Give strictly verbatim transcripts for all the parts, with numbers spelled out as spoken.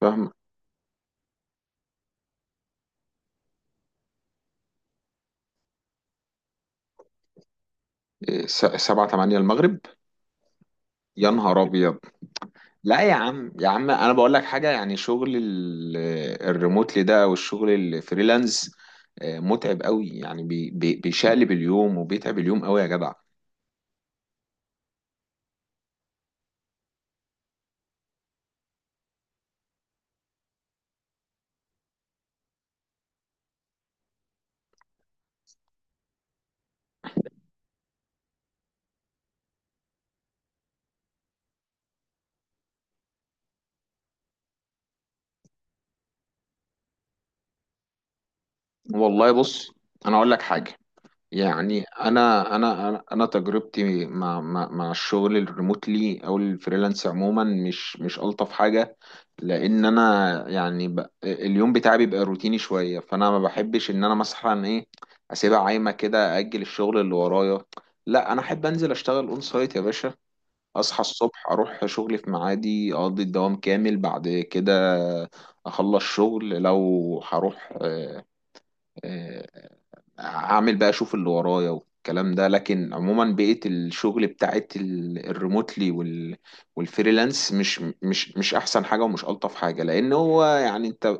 فاهم إيه، س- سبعة تمانية المغرب؟ يا نهار أبيض! لا يا عم يا عم، أنا بقول لك حاجة، يعني شغل ال- الريموتلي ده أو الشغل الفريلانس آه، متعب قوي، يعني بي- بي- بيشقلب اليوم وبيتعب اليوم قوي يا جدع. والله بص، أنا أقول لك حاجة، يعني انا انا انا أنا تجربتي مع مع مع الشغل الريموتلي او الفريلانس عموما مش مش الطف حاجه، لان انا يعني ب... اليوم بتاعي بيبقى روتيني شويه، فانا ما بحبش ان انا مثلا ايه اسيبها عايمه كده اجل الشغل اللي ورايا. لا انا احب انزل اشتغل اون سايت يا باشا، اصحى الصبح اروح شغلي في ميعادي، اقضي الدوام كامل، بعد كده اخلص شغل لو هروح آه، اعمل بقى اشوف اللي ورايا والكلام ده. لكن عموما بقية الشغل بتاعت ال- الريموتلي وال والفريلانس مش مش مش احسن حاجة ومش الطف حاجة، لان هو يعني انت،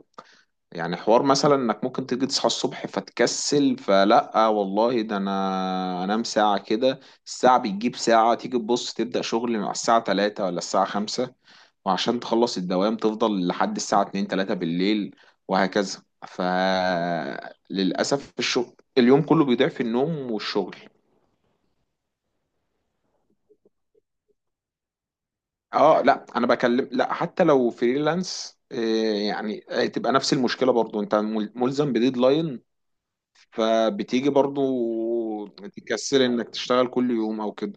يعني حوار مثلا انك ممكن تيجي تصحى الصبح فتكسل، فلا والله ده انا انام ساعة كده، الساعة بتجيب ساعة تيجي تبص تبدأ شغل مع الساعة تلاتة ولا الساعة خمسة، وعشان تخلص الدوام تفضل لحد الساعة اتنين تلاتة بالليل وهكذا. فللأسف الشغل اليوم كله بيضيع في النوم والشغل. اه لا انا بكلم، لا حتى لو فريلانس إيه، يعني إيه، تبقى نفس المشكلة برضو، انت مل- ملزم بديدلاين، فبتيجي برضو تكسل انك تشتغل كل يوم او كده.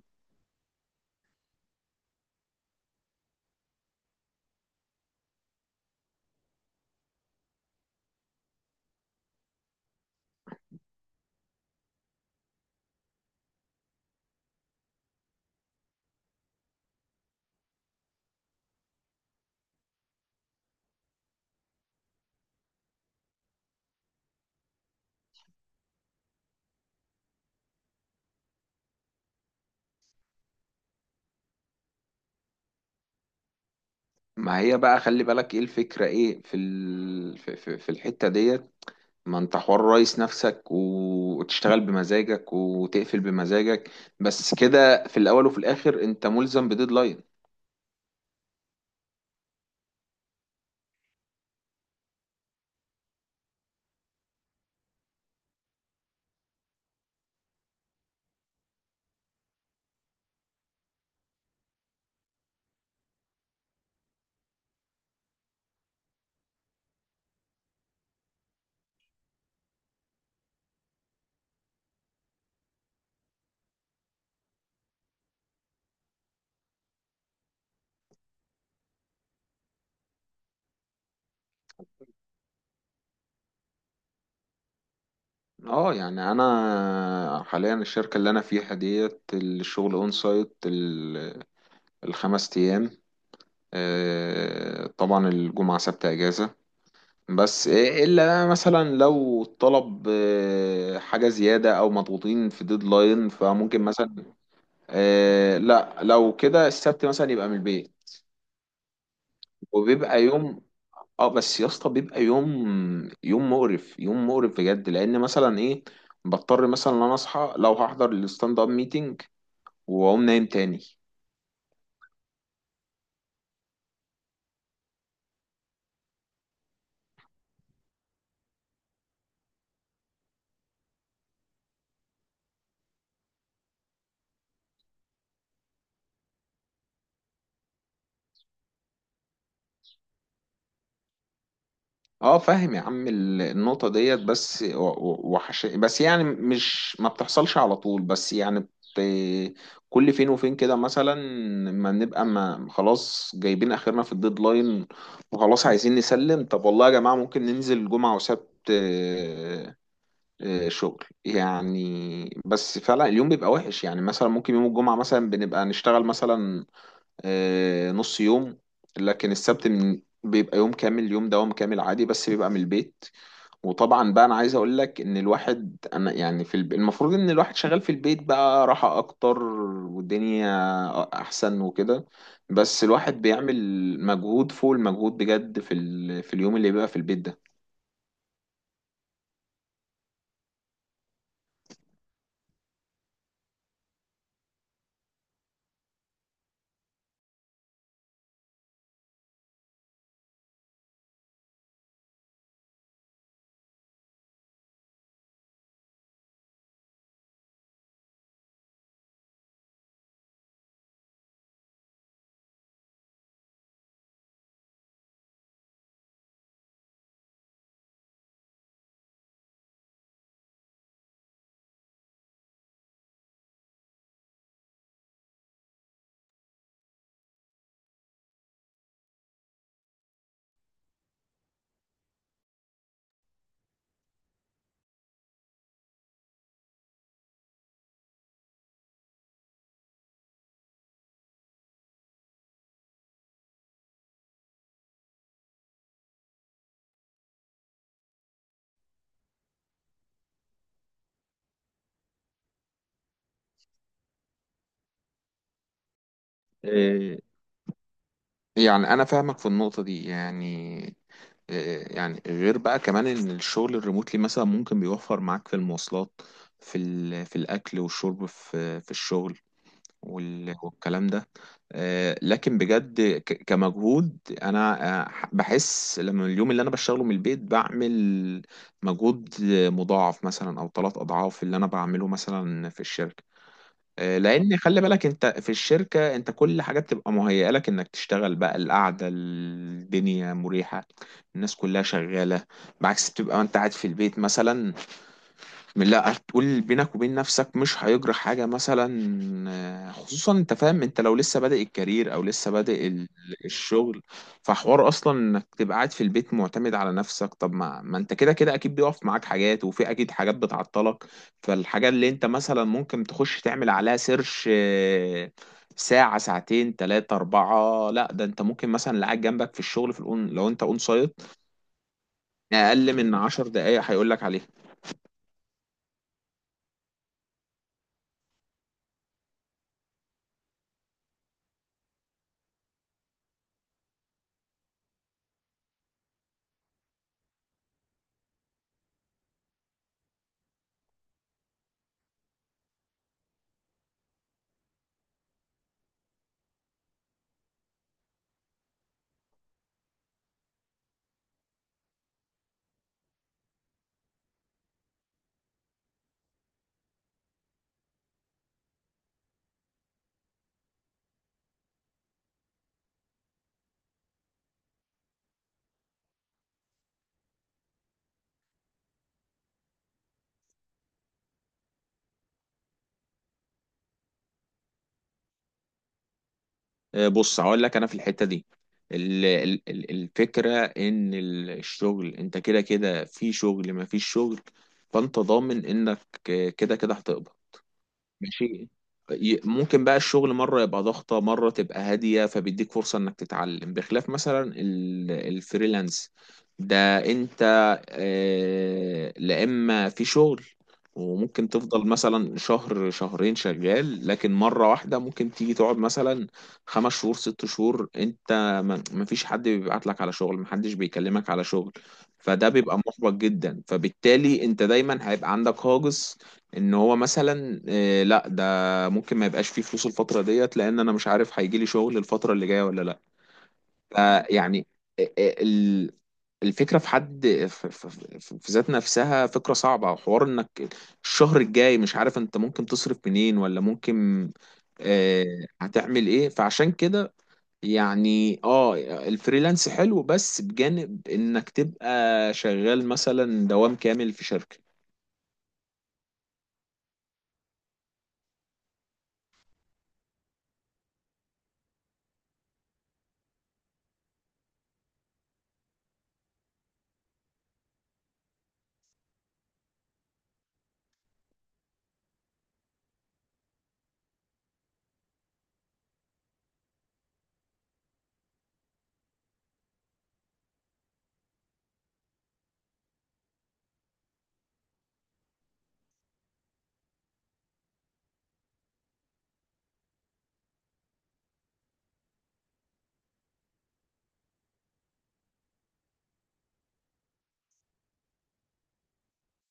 ما هي بقى خلي بالك ايه الفكرة، ايه في ال... في في في الحتة ديت؟ ما انت حوار رئيس نفسك و- وتشتغل بمزاجك وتقفل بمزاجك، بس كده في الاول وفي الاخر انت ملزم بديدلاين. اه يعني انا حاليا الشركة اللي انا فيها ديت الشغل اون سايت، ال- الخمس ايام. آه، طبعا الجمعة سبت اجازة، بس الا مثلا لو الطلب آه، حاجة زيادة او مضغوطين في ديدلاين فممكن مثلا آه، لا لو كده السبت مثلا يبقى من البيت، وبيبقى يوم. اه بس يا اسطى بيبقى يوم، يوم مقرف يوم مقرف بجد، لان مثلا ايه بضطر مثلا ان انا اصحى لو هحضر الستاند اب ميتنج واقوم نايم تاني. اه فاهم يا عم، ال- النقطة ديت بس و- و- وحش، بس يعني مش ما بتحصلش على طول، بس يعني بت... كل فين وفين كده مثلا، ما نبقى ما خلاص جايبين اخرنا في الديدلاين وخلاص عايزين نسلم، طب والله يا جماعة ممكن ننزل جمعة وسبت آه، شغل يعني. بس فعلا اليوم بيبقى وحش، يعني مثلا ممكن يوم الجمعة مثلا بنبقى نشتغل مثلا آه، نص يوم، لكن السبت من بيبقى يوم كامل، يوم دوام كامل عادي بس بيبقى من البيت. وطبعا بقى انا عايز اقول لك ان الواحد، انا يعني في الب... المفروض ان الواحد شغال في البيت بقى راحة اكتر والدنيا احسن وكده، بس الواحد بيعمل مجهود فوق المجهود بجد في ال... في اليوم اللي بيبقى في البيت ده. يعني انا فاهمك في النقطه دي، يعني آه، يعني غير بقى كمان ان الشغل الريموتلي مثلا ممكن بيوفر معاك في المواصلات، في ال- في الاكل والشرب، في في الشغل وال- والكلام ده. آه، لكن بجد ك- كمجهود، انا آه، بحس لما اليوم اللي انا بشتغله من البيت بعمل مجهود مضاعف مثلا او ثلاث اضعاف اللي انا بعمله مثلا في الشركه. آه، لان خلي بالك انت في الشركه انت كل حاجه بتبقى مهيئه لك انك تشتغل، بقى القعده الدنيا مريحه، الناس كلها شغاله، بعكس بتبقى انت قاعد في البيت مثلا، لا هتقول بينك وبين نفسك مش هيجرى حاجة مثلا. آه، خصوصا انت فاهم، انت لو لسه بادئ الكارير او لسه بادئ ال- الشغل، فحوار اصلا انك تبقى قاعد في البيت معتمد على نفسك، طب ما, ما انت كده كده اكيد بيقف معاك حاجات وفي اكيد حاجات بتعطلك. فالحاجة اللي انت مثلا ممكن تخش تعمل عليها سيرش آه، ساعة ساعتين تلاتة أربعة، لا ده انت ممكن مثلا اللي قاعد جنبك في الشغل في الأون لو انت اون سايت أقل من عشر دقايق هيقول لك عليها. آه، بص هقول لك، انا في الحته دي ال- ال- ال- الفكره ان ال- الشغل، انت كده كده في شغل ما فيش شغل، فانت ضامن انك كده كده هتقبض ماشي. ي- ممكن بقى الشغل مرة يبقى ضغطة مرة تبقى هادية، فبيديك فرصة انك تتعلم بخلاف مثلا ال- الفريلانس ده، انت آه، لا اما في شغل وممكن تفضل مثلا شهر شهرين شغال، لكن مرة واحدة ممكن تيجي تقعد مثلا خمس شهور ست شهور، انت ما ما فيش حد بيبعت لك على شغل، ما حدش بيكلمك على شغل. فده بيبقى محبط جدا، فبالتالي انت دايما هيبقى عندك هاجس ان هو مثلا آه، لا ده ممكن ما يبقاش فيه فلوس الفتره ديت، لان انا مش عارف هيجي لي شغل الفتره اللي جايه ولا لا. فيعني آه، آه، ال- الفكره في حد، في في- في- في ذات نفسها فكره صعبه، وحوار انك الشهر الجاي مش عارف انت ممكن تصرف منين ولا ممكن آه، هتعمل ايه، فعشان كده يعني اه الفريلانس حلو بس بجانب انك تبقى شغال مثلا دوام كامل في شركه.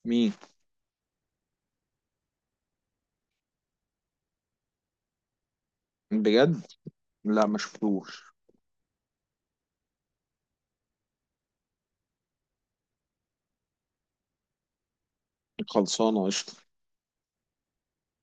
مين؟ بجد؟ لا ما شفتوش. خلصانة قشطة.